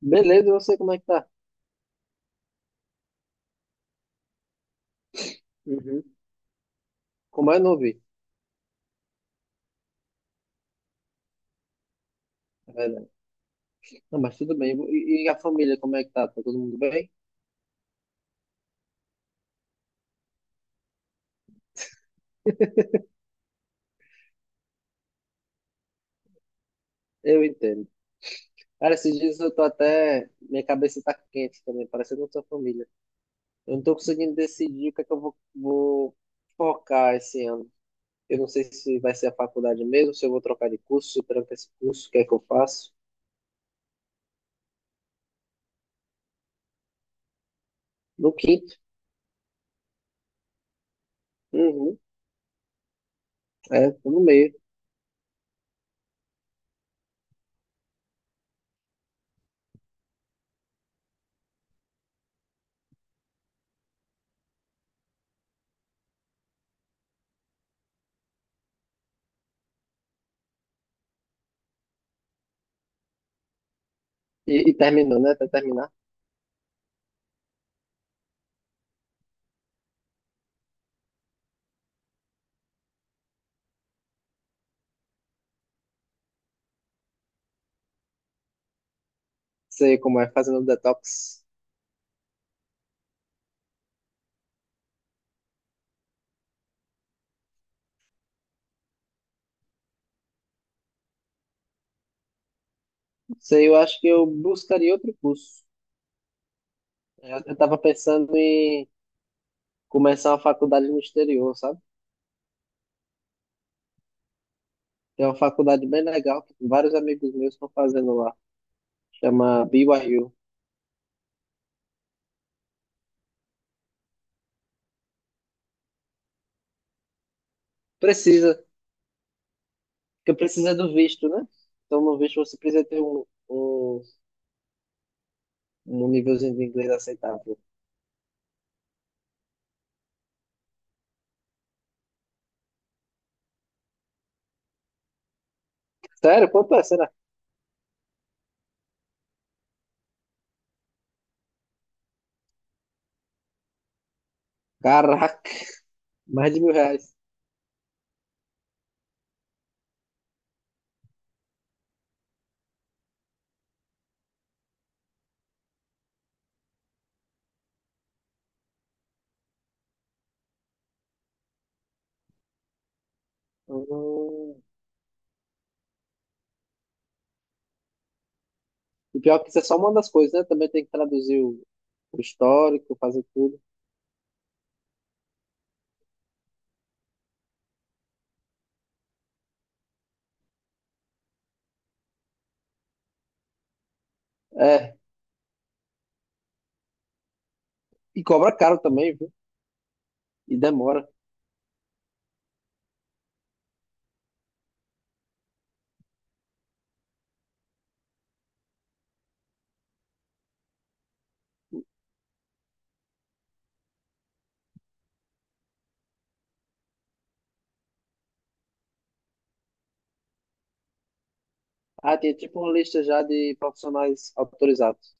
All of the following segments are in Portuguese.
Beleza, eu sei como é que tá. Uhum. Como é, não ouvi. É verdade. Não, mas tudo bem. E a família, como é que tá? Tá todo mundo bem? Eu entendo. Cara, esses dias eu tô até. Minha cabeça tá quente também, parecendo a sua família. Eu não tô conseguindo decidir o que é que eu vou focar esse ano. Eu não sei se vai ser a faculdade mesmo, se eu vou trocar de curso, se eu tranco esse curso, o que é que eu faço? No quinto. Uhum. É, tô no meio. E terminou, né? Até terminar. Sei como é, fazendo detox. Sei, eu acho que eu buscaria outro curso. Eu tava pensando em começar uma faculdade no exterior, sabe? Tem uma faculdade bem legal que vários amigos meus estão fazendo lá. Chama BYU. Precisa, porque precisa do visto, né? Então no visto você precisa ter um nívelzinho de inglês aceitável. Sério, quanto é? Será? Caraca, mais de 1.000 reais. Hum. E pior que isso é só uma das coisas, né? Também tem que traduzir o histórico, fazer tudo. É, e cobra caro também, viu? E demora. Ah, tem tipo uma lista já de profissionais autorizados.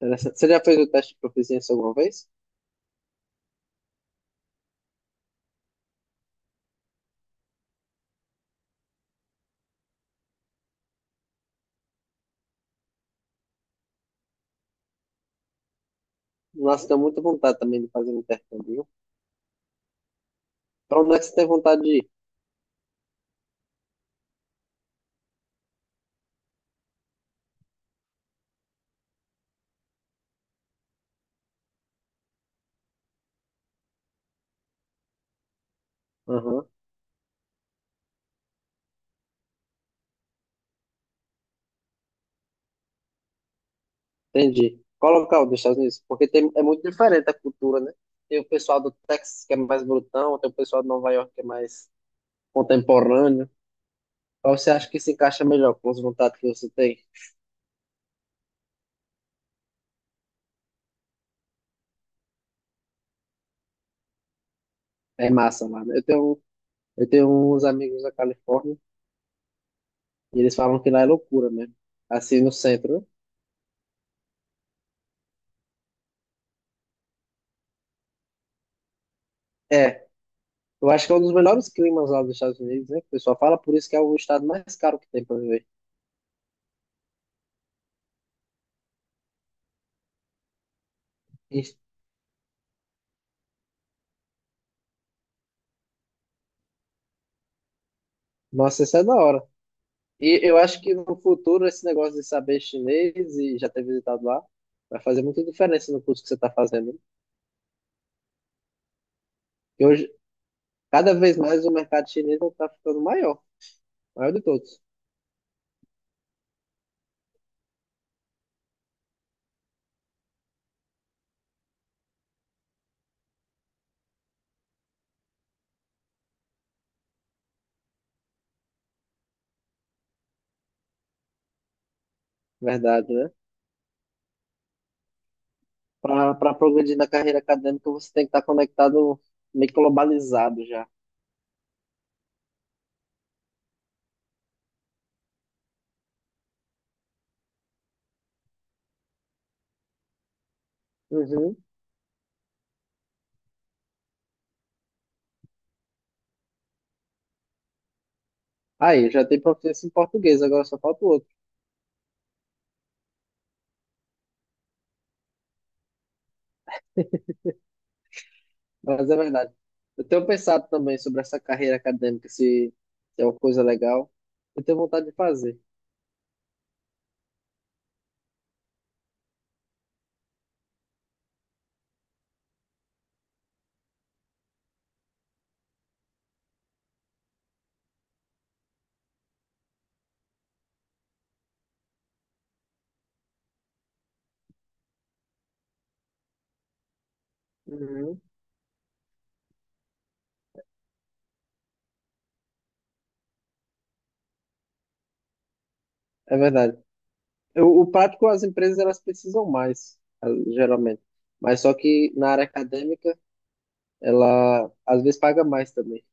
Interessante. Você já fez o teste de proficiência alguma vez? Nossa, tenho muita vontade também de fazer um intercâmbio, viu? Pra onde é que você tem vontade de ir? Aham, entendi. Qual local dos Estados Unidos? Porque tem, é muito diferente a cultura, né? Tem o pessoal do Texas que é mais brutão, tem o pessoal de Nova York que é mais contemporâneo. Qual você acha que se encaixa melhor com as vontades que você tem? É massa, mano. Eu tenho uns amigos da Califórnia e eles falam que lá é loucura mesmo. Assim, no centro, né? É, eu acho que é um dos melhores climas lá dos Estados Unidos, né? Que o pessoal fala, por isso que é o estado mais caro que tem para viver. E, nossa, isso é da hora. E eu acho que no futuro esse negócio de saber chinês e já ter visitado lá vai fazer muita diferença no curso que você está fazendo, né? E hoje, cada vez mais o mercado chinês está ficando maior, maior de todos, verdade, né? Para progredir na carreira acadêmica, você tem que estar conectado, meio que globalizado já. Uhum. Aí, já tem proficiência em português, agora só falta o outro. Mas é verdade. Eu tenho pensado também sobre essa carreira acadêmica, se é uma coisa legal. Eu tenho vontade de fazer. Uhum. É verdade. O prático, as empresas, elas precisam mais, geralmente. Mas só que na área acadêmica, ela às vezes paga mais também.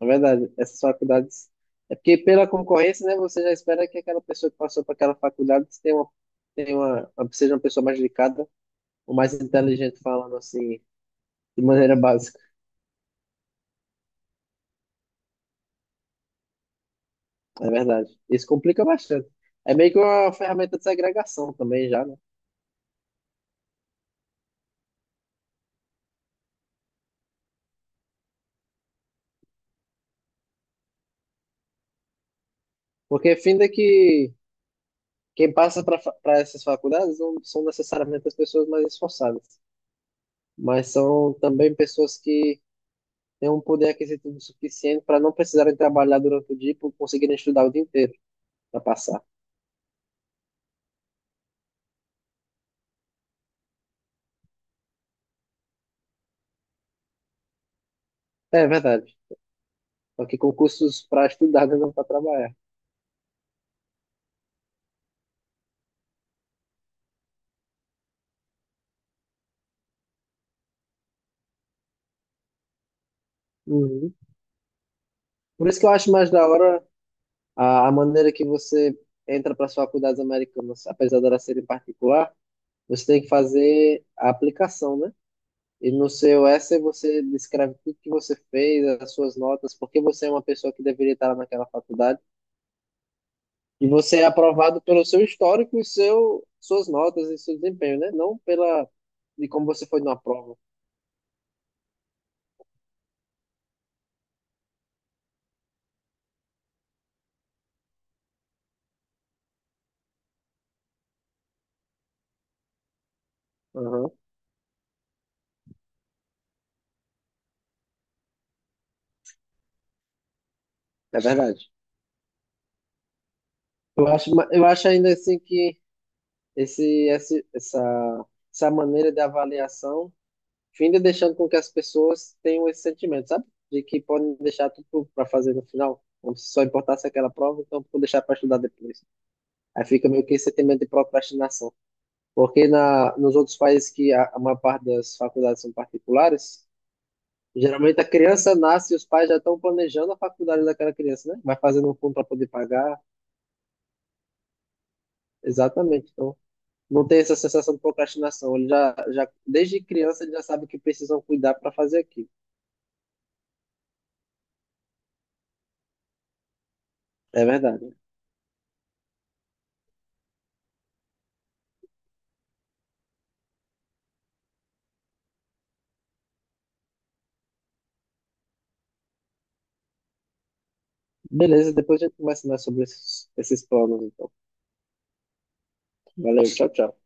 É verdade. Essas faculdades... É porque pela concorrência, né, você já espera que aquela pessoa que passou para aquela faculdade tenha uma, seja uma pessoa mais dedicada ou mais inteligente, falando assim, de maneira básica. É verdade. Isso complica bastante. É meio que uma ferramenta de segregação também já, né? Porque fim de que quem passa para essas faculdades não são necessariamente as pessoas mais esforçadas, mas são também pessoas que têm um poder aquisitivo suficiente para não precisarem trabalhar durante o dia e conseguirem estudar o dia inteiro para passar. É verdade. Só que concursos para estudar, né, não para trabalhar. Uhum. Por isso que eu acho mais da hora a maneira que você entra para as faculdades americanas, apesar de elas serem particular, você tem que fazer a aplicação, né? E no seu essay você descreve tudo que você fez, as suas notas, porque você é uma pessoa que deveria estar naquela faculdade, e você é aprovado pelo seu histórico e suas notas e seu desempenho, né? Não pela de como você foi numa prova. Aham, é verdade. Eu acho ainda assim que esse, esse, essa, essa maneira de avaliação finda deixando com que as pessoas tenham esse sentimento, sabe? De que podem deixar tudo para fazer no final, como se só importasse aquela prova, então vou deixar para estudar depois. Aí fica meio que esse sentimento de procrastinação. Porque nos outros países que a maior parte das faculdades são particulares, geralmente a criança nasce e os pais já estão planejando a faculdade daquela criança, né? Vai fazendo um fundo para poder pagar. Exatamente. Então, não tem essa sensação de procrastinação. Ele desde criança, ele já sabe que precisam cuidar para fazer aquilo. É verdade. Beleza, depois a gente conversa mais sobre esses planos, então. Valeu, tchau, tchau.